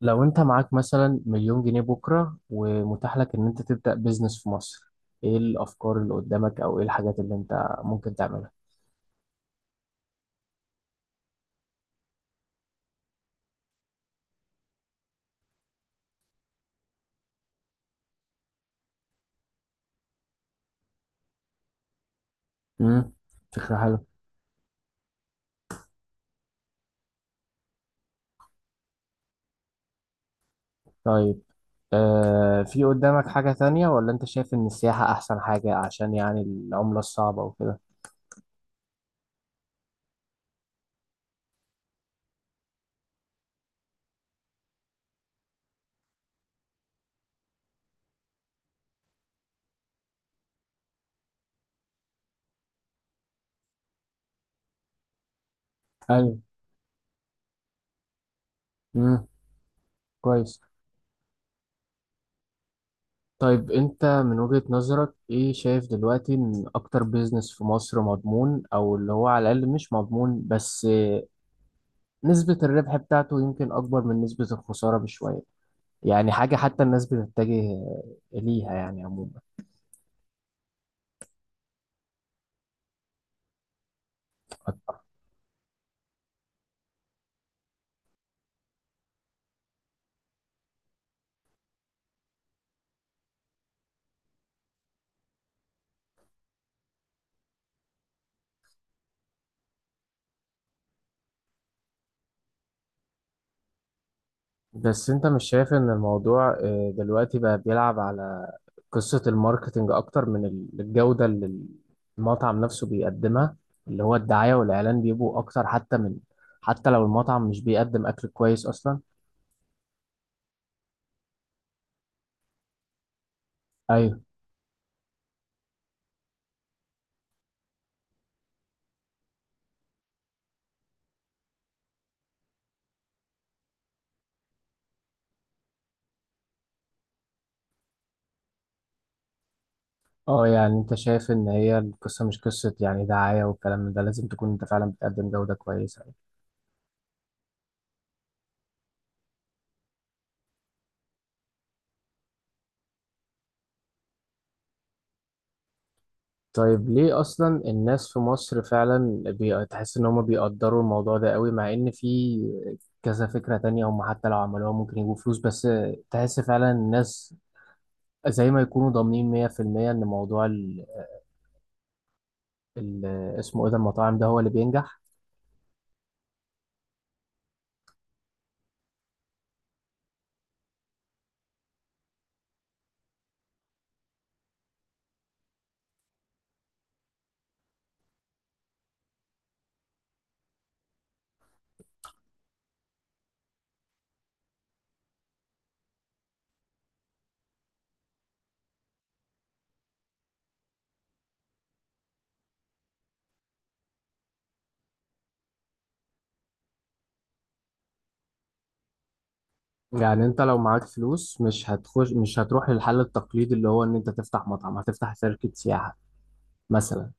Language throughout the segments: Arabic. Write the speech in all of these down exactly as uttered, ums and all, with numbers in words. لو انت معاك مثلا مليون جنيه بكرة ومتاح لك ان انت تبدأ بيزنس في مصر، ايه الافكار اللي قدامك او ايه الحاجات اللي انت ممكن تعملها؟ امم فكرة حلوة. طيب، آه في قدامك حاجة تانية ولا انت شايف ان السياحة احسن حاجة عشان يعني العملة الصعبة وكده؟ ايوه، امم، كويس. طيب، انت من وجهة نظرك ايه شايف دلوقتي ان اكتر بيزنس في مصر مضمون او اللي هو على الاقل مش مضمون، بس نسبة الربح بتاعته يمكن اكبر من نسبة الخسارة بشوية، يعني حاجة حتى الناس بتتجه ليها يعني عموما؟ بس انت مش شايف ان الموضوع آه، دلوقتي بقى بيلعب على قصة الماركتينج اكتر من ال- الجودة اللي المطعم نفسه بيقدمها؟ اللي هو الدعاية والاعلان بيبقوا اكتر، حتى من، حتى لو المطعم مش بيقدم اكل كويس اصلا. ايوه. اه، يعني انت شايف ان هي القصة مش قصة يعني دعاية والكلام من ده، لازم تكون انت فعلا بتقدم جودة كويسة. طيب، ليه اصلا الناس في مصر فعلا بي- تحس ان هم بيقدروا الموضوع ده قوي، مع ان في كذا فكرة تانية هم حتى لو عملوها ممكن يجيبوا فلوس؟ بس تحس فعلا الناس زي ما يكونوا ضامنين مية في المية ان موضوع ال... ال... اسمه ايه ده، المطاعم، ده هو اللي بينجح. يعني انت لو معاك فلوس، مش هتخش مش هتروح للحل التقليدي اللي هو ان انت تفتح مطعم، هتفتح شركة سياحة مثلا؟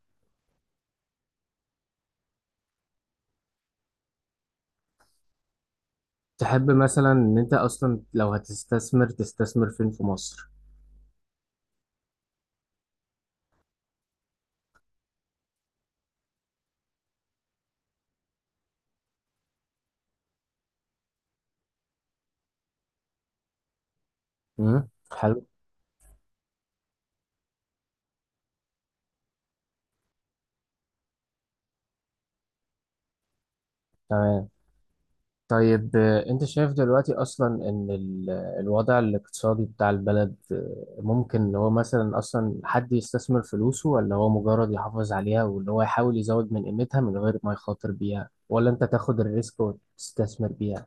تحب مثلا ان انت اصلا لو هتستثمر تستثمر فين في مصر؟ امم، حلو. تمام. طيب، آه، انت شايف دلوقتي اصلا ان ال- الوضع الاقتصادي بتاع البلد آه، ممكن ان هو مثلا اصلا حد يستثمر فلوسه ولا هو مجرد يحافظ عليها وان هو يحاول يزود من قيمتها من غير ما يخاطر بيها، ولا انت تاخد الريسك وتستثمر بيها؟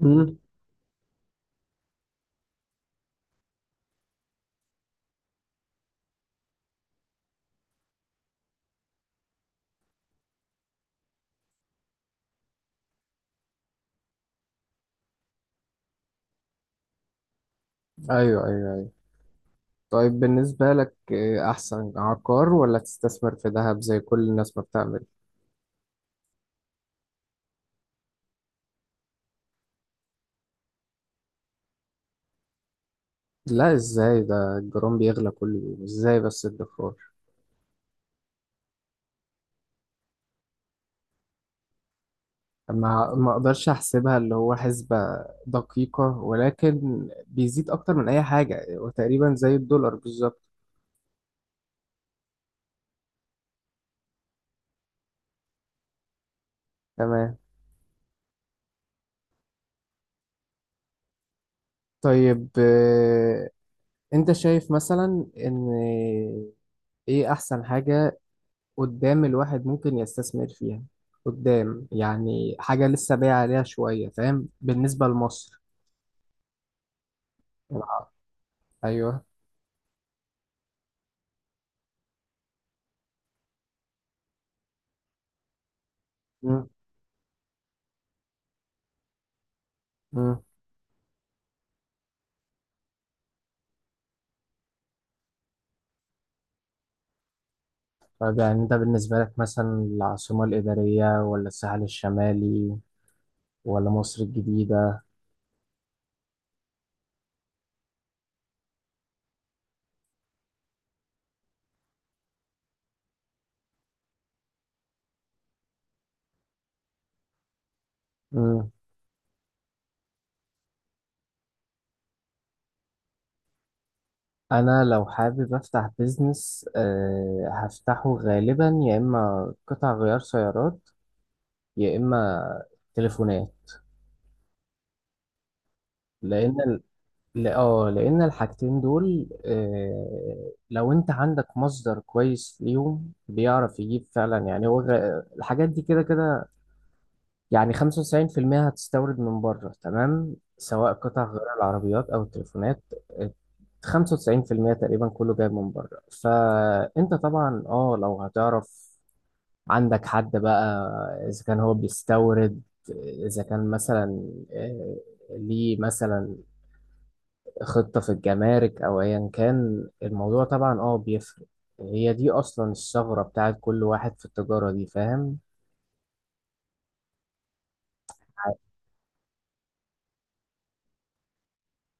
مم. ايوه، ايوه، ايوه. طيب، بالنسبة لك آه، احسن عقار ولا تستثمر في ذهب زي كل الناس ما بتعمل؟ لا، ازاي؟ ده الجرام بيغلى كل يوم. ازاي بس الدكتور؟ ما ما اقدرش احسبها، اللي هو حسبة دقيقة، ولكن بيزيد اكتر من اي حاجة وتقريبا زي الدولار بالظبط. تمام. طيب، آه، انت شايف مثلا ان ايه احسن حاجة قدام الواحد ممكن يستثمر فيها؟ قدام يعني حاجة لسه بايع عليها شوية، فاهم، بالنسبة لمصر؟ الع- ايوه. مم. مم. طيب، يعني انت بالنسبة لك مثلا العاصمة الإدارية ولا الساحل الشمالي ولا مصر الجديدة؟ مم. انا لو حابب افتح بيزنس أه هفتحه غالبا يا اما قطع غيار سيارات، يا اما تليفونات، لان ال... ل- اه لان الحاجتين دول أه لو انت عندك مصدر كويس ليهم بيعرف يجيب فعلا، يعني هو غ... الحاجات دي كده كده، يعني خمسة وتسعين في المية هتستورد من بره، تمام، سواء قطع غيار العربيات او التليفونات. آه، خمسة وتسعين في المية تقريبا كله جاي من بره، فانت طبعا اه لو هتعرف عندك حد بقى، اذا كان هو بيستورد، اذا كان مثلا آه، ليه مثلا خطة في الجمارك، او ايا كان الموضوع، طبعا اه بيفرق. هي دي اصلا الثغرة بتاعت كل واحد في التجارة دي، فاهم.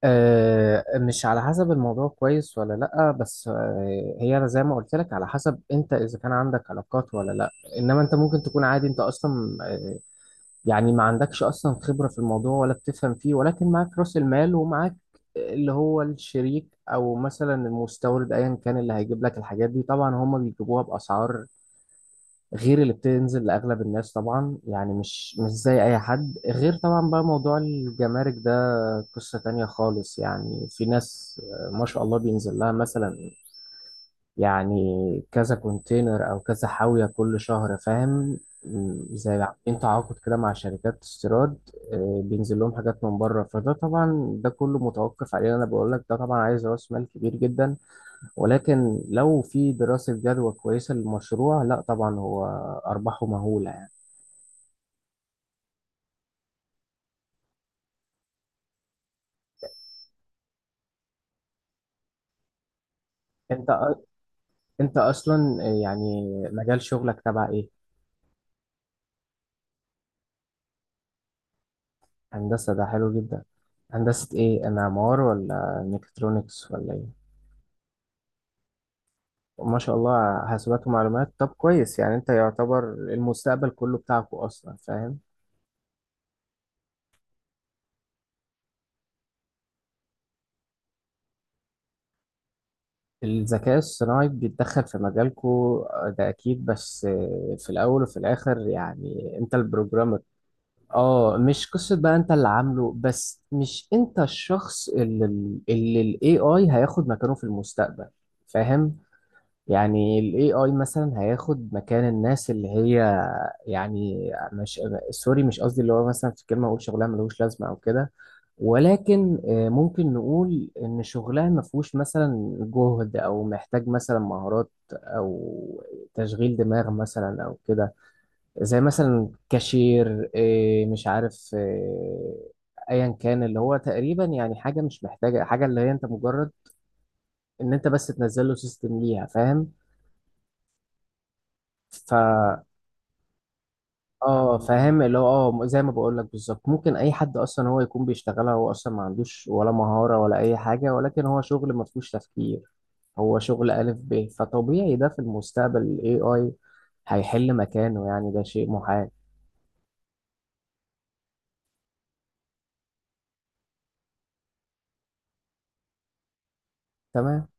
آه، مش على حسب الموضوع كويس ولا لأ، بس آه، هي أنا زي ما قلت لك، على حسب أنت إذا كان عندك علاقات ولا لأ. إنما أنت ممكن تكون عادي. أنت أصلا آه، يعني ما عندكش أصلا خبرة في الموضوع ولا بتفهم فيه، ولكن معاك رأس المال ومعاك اللي هو الشريك أو مثلا المستورد، أيا كان اللي هيجيب لك الحاجات دي، طبعا هما بيجيبوها بأسعار غير اللي بتنزل لأغلب الناس، طبعا يعني مش مش زي أي حد. غير طبعا بقى موضوع الجمارك ده قصة تانية خالص، يعني في ناس آه، ما شاء الله بينزل لها مثلا، يعني كذا كونتينر أو كذا حاوية كل شهر، فاهم، م، زي عاملين تعاقد كده مع شركات استيراد. آه، بينزل لهم حاجات من بره، فده طبعا ده كله متوقف عليه. أنا بقول لك ده طبعا عايز رأس مال كبير جدا، ولكن لو في دراسة جدوى كويسة للمشروع، لا طبعا هو أرباحه مهولة. انت أ- انت اصلا يعني مجال شغلك تبع ايه؟ هندسة؟ ده حلو جدا. هندسة ايه، معمار ولا ميكاترونكس ولا ايه؟ ما شاء الله، حاسبات ومعلومات. طب كويس، يعني انت يعتبر المستقبل كله بتاعكو اصلا، فاهم. الذكاء الصناعي بيتدخل في مجالكو آه، ده اكيد، بس آه، في الاول وفي الاخر يعني انت البروجرامر. اه، مش قصة بقى انت اللي عامله، بس مش انت الشخص اللي ال- اللي ال A I هياخد مكانه في المستقبل، فاهم. يعني ال إيه آي مثلا هياخد مكان الناس اللي هي، يعني مش سوري، مش قصدي، اللي هو مثلا في كلمة اقول شغلها ملوش لازمة او كده. ولكن آه، ممكن نقول ان شغلها ما فيهوش مثلا جهد او محتاج مثلا مهارات او تشغيل دماغ مثلا او كده، زي مثلا كاشير إيه، مش عارف إيه، ايا كان اللي هو تقريبا يعني حاجه مش محتاجه حاجه، اللي هي انت مجرد ان انت بس تنزل له سيستم ليها، فاهم. ف اه فاهم، اللي هو اه، زي ما بقول لك بالظبط، ممكن اي حد اصلا هو يكون بيشتغلها. هو اصلا ما عندوش ولا مهاره ولا اي حاجه، ولكن هو شغل ما فيهوش تفكير، هو شغل الف ب. فطبيعي ده في المستقبل الاي اي هيحل مكانه، يعني ده شيء محال. تمام.